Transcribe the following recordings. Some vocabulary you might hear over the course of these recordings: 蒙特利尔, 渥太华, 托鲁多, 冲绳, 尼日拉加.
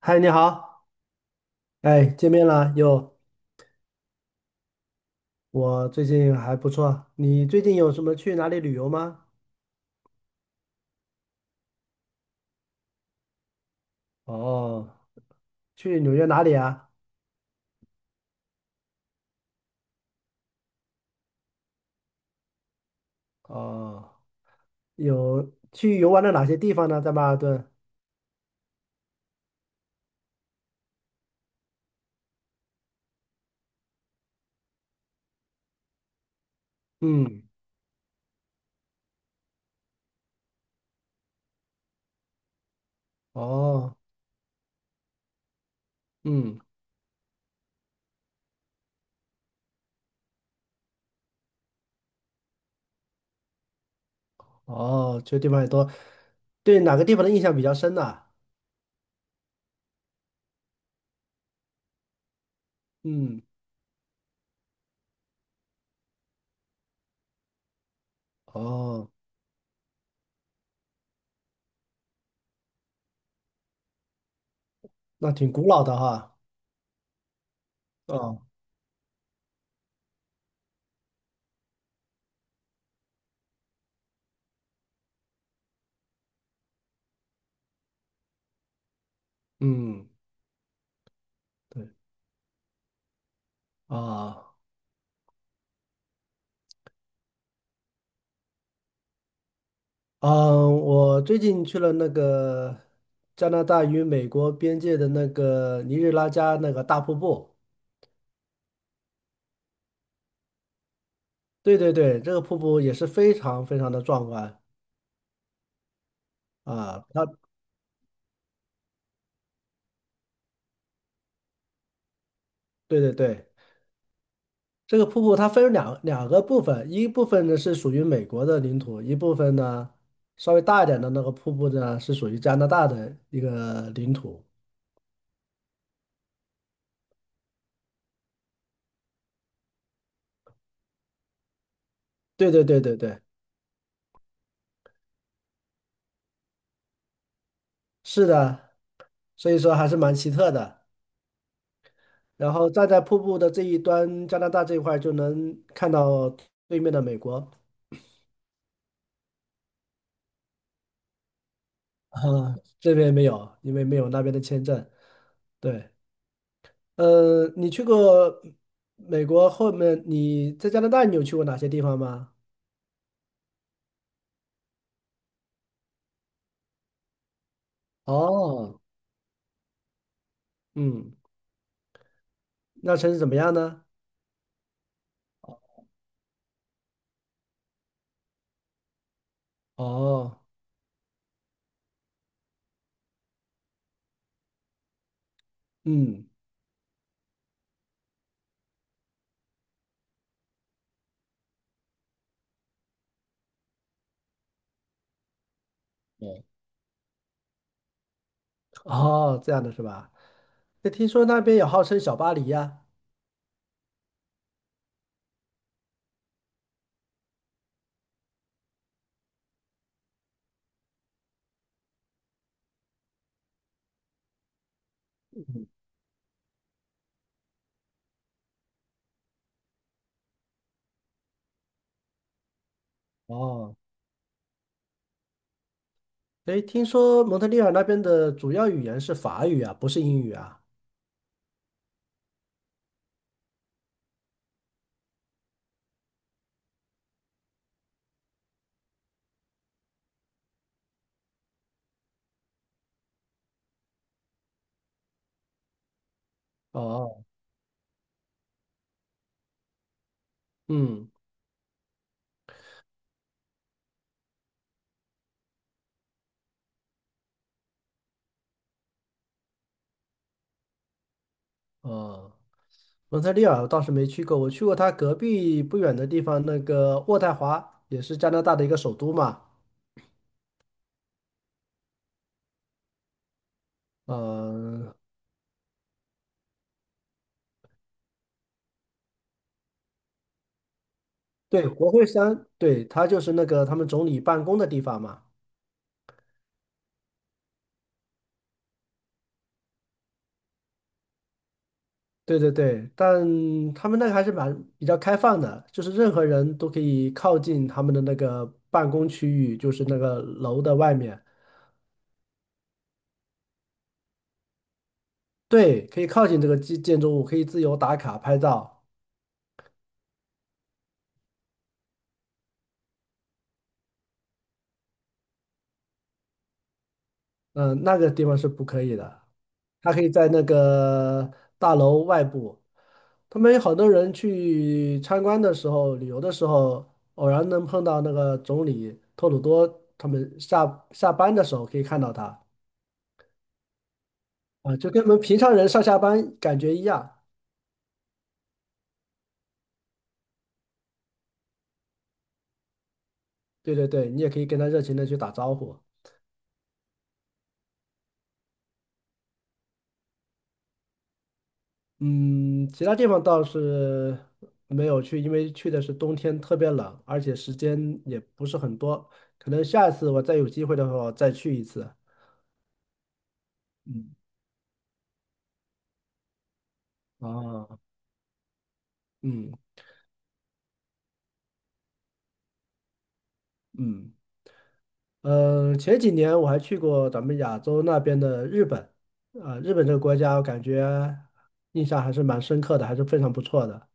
嗨，你好，哎，见面了又，我最近还不错。你最近有什么去哪里旅游吗？哦，去纽约哪里啊？哦，有去游玩了哪些地方呢？在曼哈顿？嗯，哦，嗯，哦，这地方也多。对哪个地方的印象比较深呢？嗯，哦，那挺古老的哈。哦，嗯，对，啊。嗯，我最近去了那个加拿大与美国边界的那个尼日拉加那个大瀑布。对对对，这个瀑布也是非常非常的壮观啊！它对对对，这个瀑布它分为两个部分，一部分呢是属于美国的领土，一部分呢稍微大一点的那个瀑布呢是属于加拿大的一个领土。对对对对对，是的，所以说还是蛮奇特的。然后站在瀑布的这一端，加拿大这一块儿就能看到对面的美国，啊，这边没有，因为没有那边的签证。对，你去过美国后面，你在加拿大你有去过哪些地方吗？哦，嗯，那城市怎么样呢？哦，嗯，对，哦，这样的是吧？那听说那边也号称小巴黎呀？哦，诶，听说蒙特利尔那边的主要语言是法语啊，不是英语啊？哦，嗯。哦，蒙特利尔我倒是没去过，我去过它隔壁不远的地方，那个渥太华也是加拿大的一个首都嘛。嗯、对，国会山，对，它就是那个他们总理办公的地方嘛。对对对，但他们那个还是蛮比较开放的，就是任何人都可以靠近他们的那个办公区域，就是那个楼的外面，对，可以靠近这个建筑物，可以自由打卡拍照。那个地方是不可以的，他可以在那个大楼外部。他们有好多人去参观的时候、旅游的时候，偶然能碰到那个总理托鲁多，他们下班的时候可以看到他啊，就跟我们平常人上下班感觉一样。对对对，你也可以跟他热情的去打招呼。嗯，其他地方倒是没有去，因为去的是冬天，特别冷，而且时间也不是很多。可能下次我再有机会的话，我再去一次。嗯，啊，嗯嗯，前几年我还去过咱们亚洲那边的日本，啊、日本这个国家，我感觉印象还是蛮深刻的，还是非常不错的。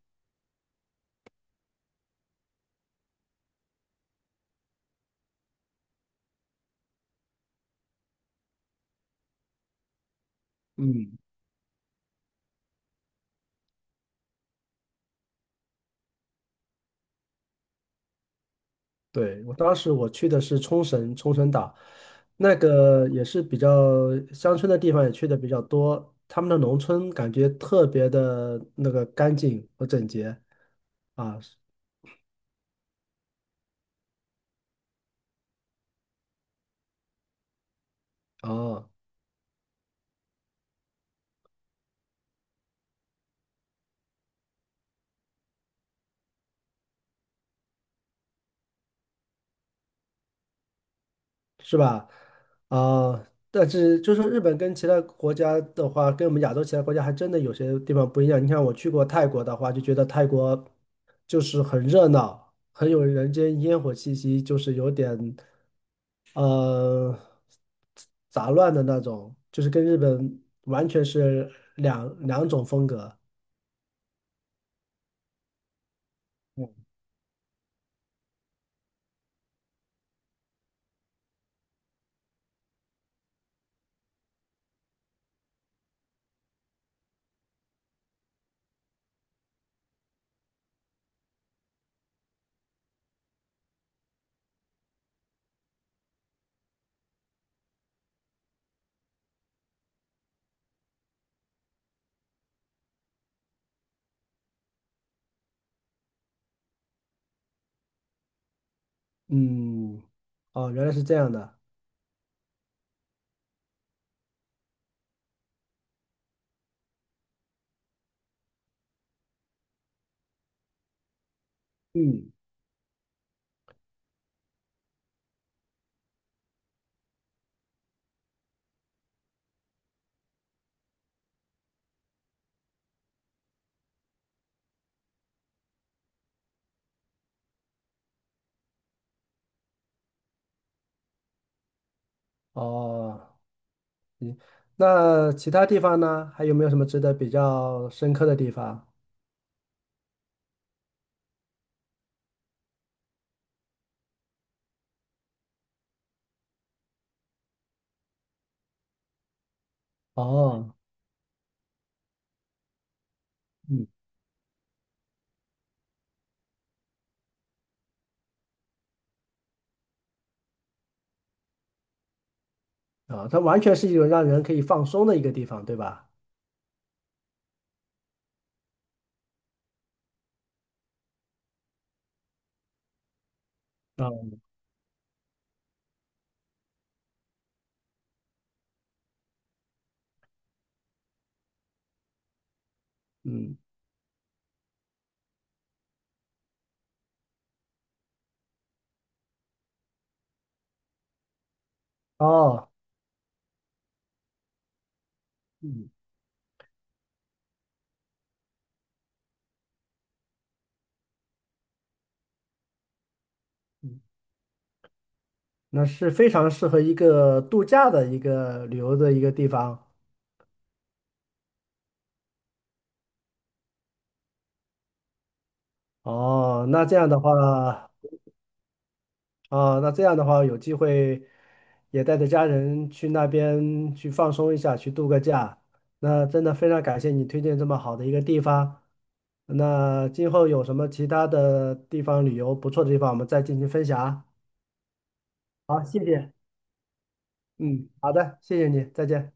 嗯。对，我当时我去的是冲绳，冲绳岛，那个也是比较乡村的地方，也去的比较多。他们的农村感觉特别的那个干净和整洁啊，哦，是吧？啊，但是就是日本跟其他国家的话，跟我们亚洲其他国家还真的有些地方不一样。你看我去过泰国的话，就觉得泰国就是很热闹，很有人间烟火气息，就是有点。呃，杂乱的那种，就是跟日本完全是两种风格。嗯，哦，原来是这样的。嗯，哦，那其他地方呢？还有没有什么值得比较深刻的地方？哦，嗯，啊，它完全是一种让人可以放松的一个地方，对吧？啊，嗯，哦，嗯嗯，那是非常适合一个度假的一个旅游的一个地方。哦，那这样的话。啊，那这样的话，有机会也带着家人去那边去放松一下，去度个假。那真的非常感谢你推荐这么好的一个地方。那今后有什么其他的地方旅游不错的地方，我们再进行分享啊。好，谢谢。嗯，好的，谢谢你，再见。